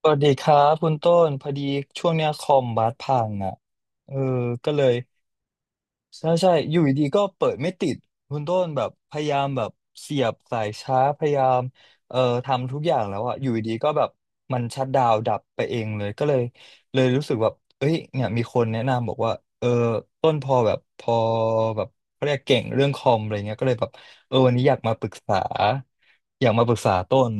สวัสดีครับคุณต้นพอดีช่วงเนี้ยคอมบัสพังอ่ะเออก็เลยใช่ใช่อยู่ดีๆก็เปิดไม่ติดคุณต้นแบบพยายามแบบเสียบสายชาร์จพยายามเอ่อทำทุกอย่างแล้วอ่ะอยู่ดีๆก็แบบมันชัตดาวน์ดับไปเองเลยก็เลยเลยรู้สึกแบบเอ้ยเนี่ยมีคนแนะนำบอกว่าเออต้นพอแบบเขาเรียกเก่งเรื่องคอมอะไรเงี้ยก็เลยแบบเออวันนี้อยากมาปรึกษาอยากมาปรึกษาต้น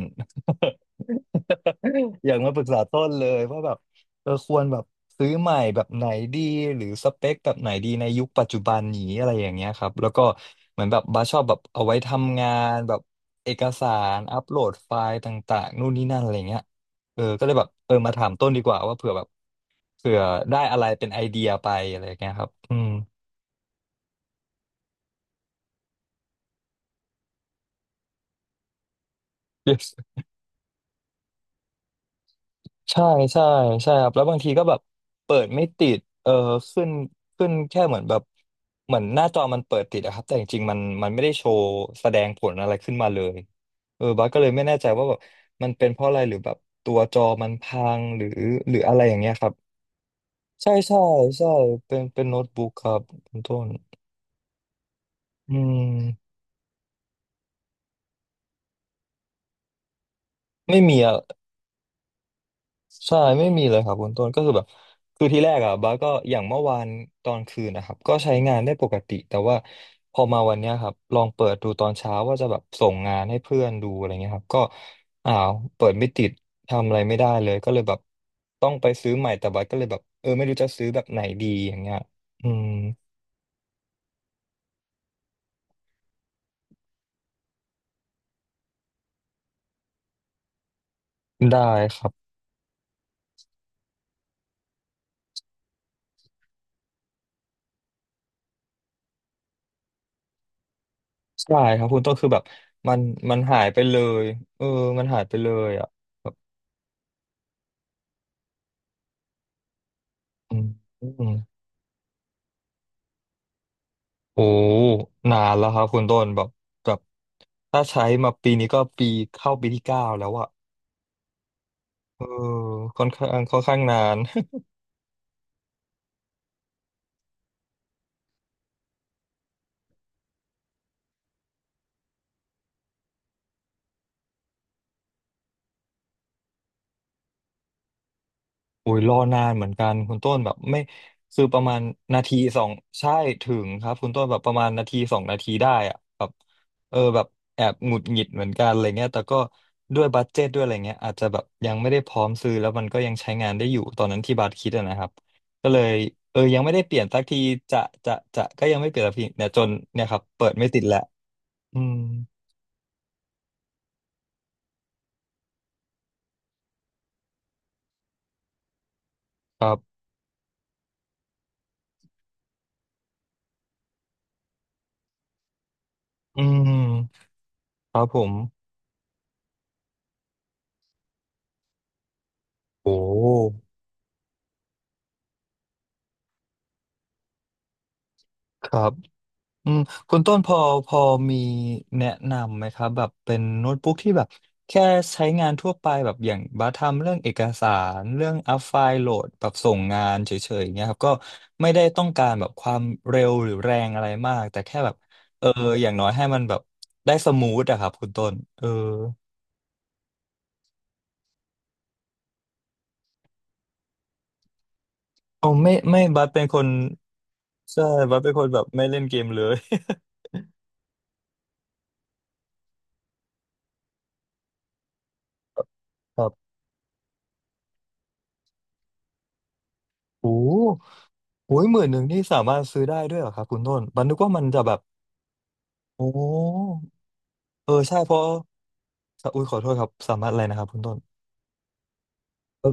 อยากมาปรึกษาต้นเลยว่าแบบเออควรแบบซื้อใหม่แบบไหนดีหรือสเปคแบบไหนดีในยุคปัจจุบันนี้อะไรอย่างเงี้ยครับแล้วก็เหมือนแบบบาสชอบแบบเอาไว้ทำงานแบบเอกสารอัปโหลดไฟล์ต่างๆนู่นนี่นั่นอะไรเงี้ยเออก็เลยแบบเออมาถามต้นดีกว่าว่าเผื่อแบบเผื่อได้อะไรเป็นไอเดียไปอะไรอย่างเงี้ยครับอืม ใช่ใช่ใช่ครับแล้วบางทีก็แบบเปิดไม่ติดเออขึ้นขึ้นแค่เหมือนแบบเหมือนหน้าจอมันเปิดติดอะครับแต่จริงๆมันไม่ได้โชว์แสดงผลอะไรขึ้นมาเลยเออบัสก็เลยไม่แน่ใจว่าแบบมันเป็นเพราะอะไรหรือแบบตัวจอมันพังหรือหรืออะไรอย่างเงี้ยครับใช่ใช่ใช่เป็นโน้ตบุ๊กครับคุณต้นอืมไม่มีอะ ใช่ไม่มีเลยครับคุณต้นก็คือแบบคือที่แรกอ่ะบ้าสก็อย่างเมื่อวานตอนคืนนะครับก็ใช้งานได้ปกติแต่ว่าพอมาวันเนี้ยครับลองเปิดดูตอนเช้าว่าจะแบบส่งงานให้เพื่อนดูอะไรเงี้ยครับก็อ้าวเปิดไม่ติดทำอะไรไม่ได้เลยก็เลยแบบต้องไปซื้อใหม่แต่บ้าสก็เลยแบบเออไม่รู้จะซื้อแบบไหนดีอย่างเงี้ยอืมได้ครับใช่ครับคุณต้นคือแบบมันมันหายไปเลยเออมันหายไปเลยอ่ะแบบอืม โอ้ นานแล้วครับคุณต้นแบบแบบถ้าใช้มาปีนี้ก็ปีเข้าปีที่เก้าแล้วอะเออค่อนข้างค่อนข้างนาน โอ้ยรอนานเหมือนกันคุณต้นแบบไม่คือประมาณนาทีสองใช่ถึงครับคุณต้นแบบประมาณนาทีสองนาทีได้อะแบบเออแบบแอบหงุดหงิดเหมือนกันอะไรเงี้ยแต่ก็ด้วยบัดเจ็ตด้วยอะไรเงี้ยอาจจะแบบยังไม่ได้พร้อมซื้อแล้วมันก็ยังใช้งานได้อยู่ตอนนั้นที่บัสคิดอะนะครับก็เลยเออยังไม่ได้เปลี่ยนสักทีจะจะก็ยังไม่เปลี่ยนสักทีเนี่ยจนเนี่ยครับเปิดไม่ติดแหละอืมครับอืมครับผมโอ้ครับ อืมคุณต้นพอพอมีแนะนำไหมครับแบบเป็นโน้ตบุ๊กที่แบบแค่ใช้งานทั่วไปแบบอย่างบัสทำเรื่องเอกสารเรื่องอัพไฟล์โหลดแบบส่งงานเฉยๆเงี้ยครับก็ไม่ได้ต้องการแบบความเร็วหรือแรงอะไรมากแต่แค่แบบเอออย่างน้อยให้มันแบบได้สมูทอะครับคุณต้นเอออ๋อไม่บัสเป็นคนใช่บัสเป็นคนแบบไม่เล่นเกมเลย ครับโอ้โหหมื่นหนึ่งนี่สามารถซื้อได้ด้วยเหรอครับคุณต้นบัสนึกว่ามันจะแบบ โอ้เออใช่เพราะอุ้ยขอโทษครับ สามารถอะไรนะครับคุณต้นเออ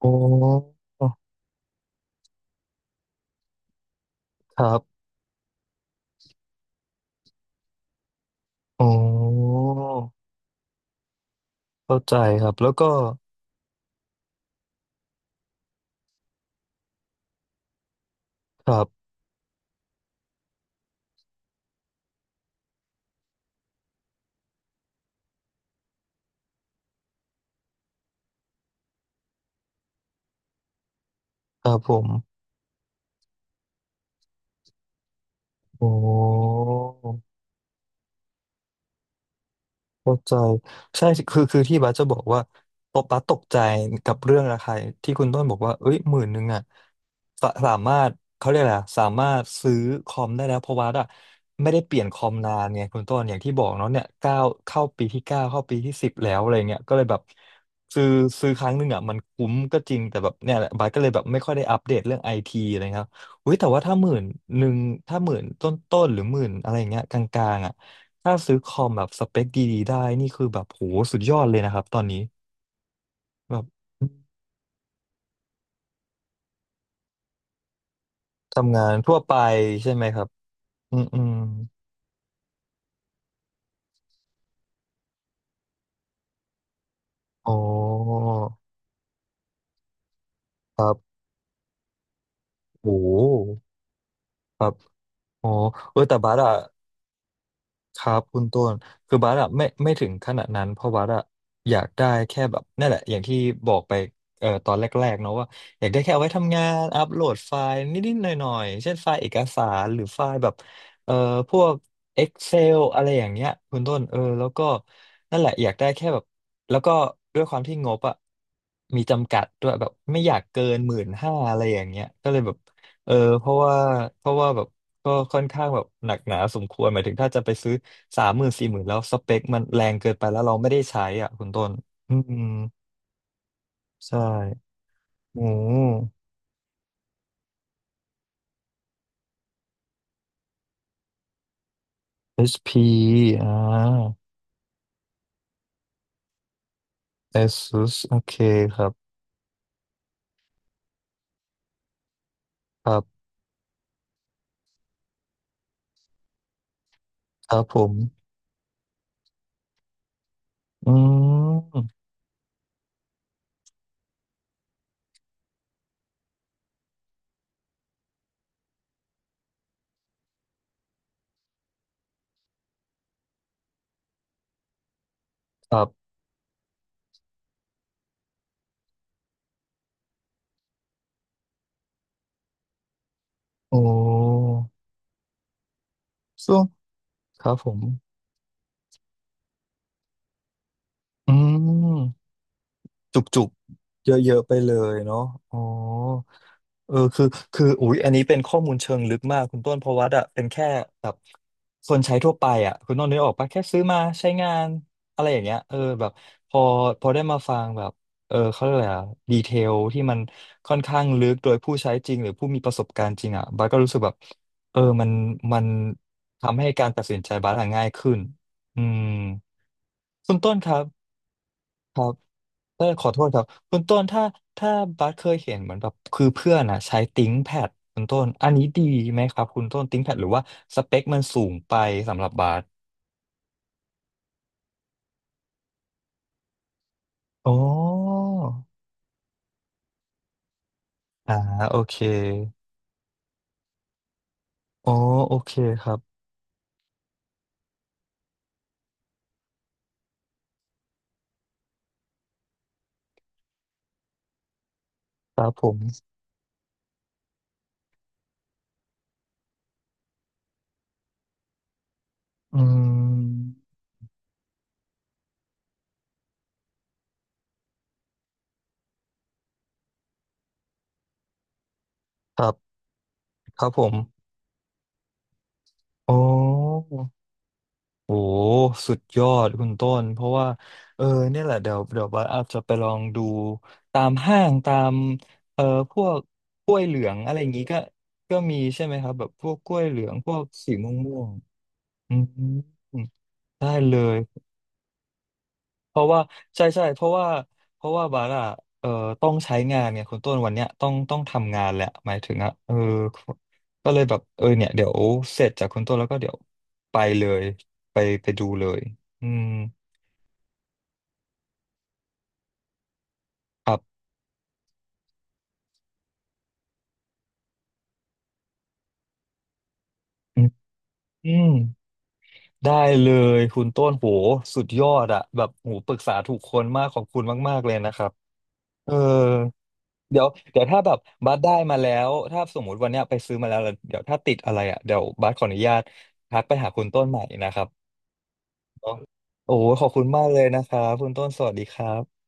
โอ้ ครับ โอ้เข้าใจครับ แล้วก็ ครับครับผมโอ้ เข้าใจใช่คือที่บาสจะบอกว่าตบบัสตกใจกับเรื่องราคาที่คุณต้นบอกว่าเอ้ยหมื่นหนึ่งอ่ะสามารถเขาเรียกอะไรอะสามารถซื้อคอมได้แล้วเพราะว่าอะไม่ได้เปลี่ยนคอมนานไงคุณต้นอย่างที่บอกเนาะเนี่ยเก้าเข้าปีที่เก้าเข้าปีที่สิบแล้วอะไรเงี้ยก็เลยแบบซื้อซื้อครั้งหนึ่งอ่ะมันคุ้มก็จริงแต่แบบเนี่ยแหละบาสก็เลยแบบไม่ค่อยได้อัปเดตเรื่องไอทีอะไรครับอุ้ยแต่ว่าถ้าหมื่นหนึ่งถ้าหมื่นต้นต้นหรือหมื่นอะไรเงี้ยกลางๆอ่ะ ถ้าซื้อคอมแบบสเปคดีๆได้นี่คือแบบโหสุดยอดเลยนะครับตอนนี้แบบทำงานทั่วไปใช่ไหมครับอืมอืมอ๋อครับโอ้โหครับอ๋อเออแต่บัสอะ ครับคุณต้นคือบาสอะไม่ถึงขนาดนั้นเพราะบาสอะอยากได้แค่แบบนั่นแหละอย่างที่บอกไปตอนแรกๆเนาะว่าอยากได้แค่เอาไว้ทำงานอัปโหลดไฟล์นิดๆหน่อยๆเช่นไฟล์เอกสารหรือไฟล์แบบเอ่อพวก Excel อะไรอย่างเงี้ยคุณต้นเออแล้วก็นั่นแหละอยากได้แค่แบบแล้วก็ด้วยความที่งบอะมีจำกัดด้วยแบบไม่อยากเกินหมื่นห้าอะไรอย่างเงี้ยก็เลยแบบเออเพราะว่าเพราะว่าแบบ ก็ค่อนข้างแบบหนักหนาสมควรหมายถึงถ้าจะไปซื้อสามหมื่นสี่หมื่นแล้วสเปคมันแรงเกินไปแล้วเราไม่ได้ใช้อ่ะคุณต้นอืมใช่โอ้ HP อชพีอ่า ASUS โอเคครับครับครับผมอืมครับโอ้ช่วงครับผมอืม จุกๆเยอะๆไปเลยเนาะอ๋อเออคือคืออุ๊ยอันนี้เป็นข้อมูลเชิงลึกมากคุณต้นเพราะวัดอะเป็นแค่แบบคนใช้ทั่วไปอะคุณต้นนึกออกปะแค่ซื้อมาใช้งานอะไรอย่างเงี้ยเออแบบพอพอได้มาฟังแบบเออเขาเรียกอะไรอะดีเทลที่มันค่อนข้างลึกโดยผู้ใช้จริงหรือผู้มีประสบการณ์จริงอะบัสก็รู้สึกแบบเออมันทำให้การตัดสินใจบัสอะง่ายขึ้นอืมคุณต้นครับ ครับเออขอโทษครับคุณต้นถ้าบัสเคยเห็นเหมือนแบบคือเพื่อนอ่ะใช้ติ้งแพดคุณต้นอันนี้ดีไหมครับคุณต้นติ้งแพดหรือว่าสเปคมันสูงไปสำหรับบัสอ๋ออ่าโอเคอ๋อโอเคครับครับผมอืมครับครับผมอ๋อ โอ้สุดยอดคุณต้นเพราะว่าเออเนี่ยแหละเดี๋ยวบัสอาจจะไปลองดูตามห้างตามเออพวกกล้วยเหลืองอะไรอย่างงี้ก็ก็มีใช่ไหมครับแบบพวกกล้วยเหลืองพวกสีม่วงม่วงอืมได้เลยเพราะว่าใช่ใช่เพราะว่าเพราะว่าบัสอะเออต้องใช้งานเนี่ยคุณต้นวันเนี้ยต้องต้องทำงานแหละหมายถึงอะเออก็เลยแบบเออเนี่ยเดี๋ยวเสร็จจากคุณต้นแล้วก็เดี๋ยวไปเลยไปไปดูเลยอืม ครับอืมอืมได้เลยคุณต้นโหสุดยอดอะแบบโหปรึกษาถูกคนมากขอบคุณมากๆเลยนะครับเออเดี๋ยวเดี๋ยวถ้าแบบบัสได้มาแล้วถ้าสมมติวันเนี้ยไปซื้อมาแล้วแล้วเดี๋ยวถ้าติดอะไรอะเดี๋ยวบัสขออนุญาตทักไปหาคุณต้นใหม่นะครับโอ้โหขอบคุณมากเลยนะครับคุณต้นสวัสดีครับ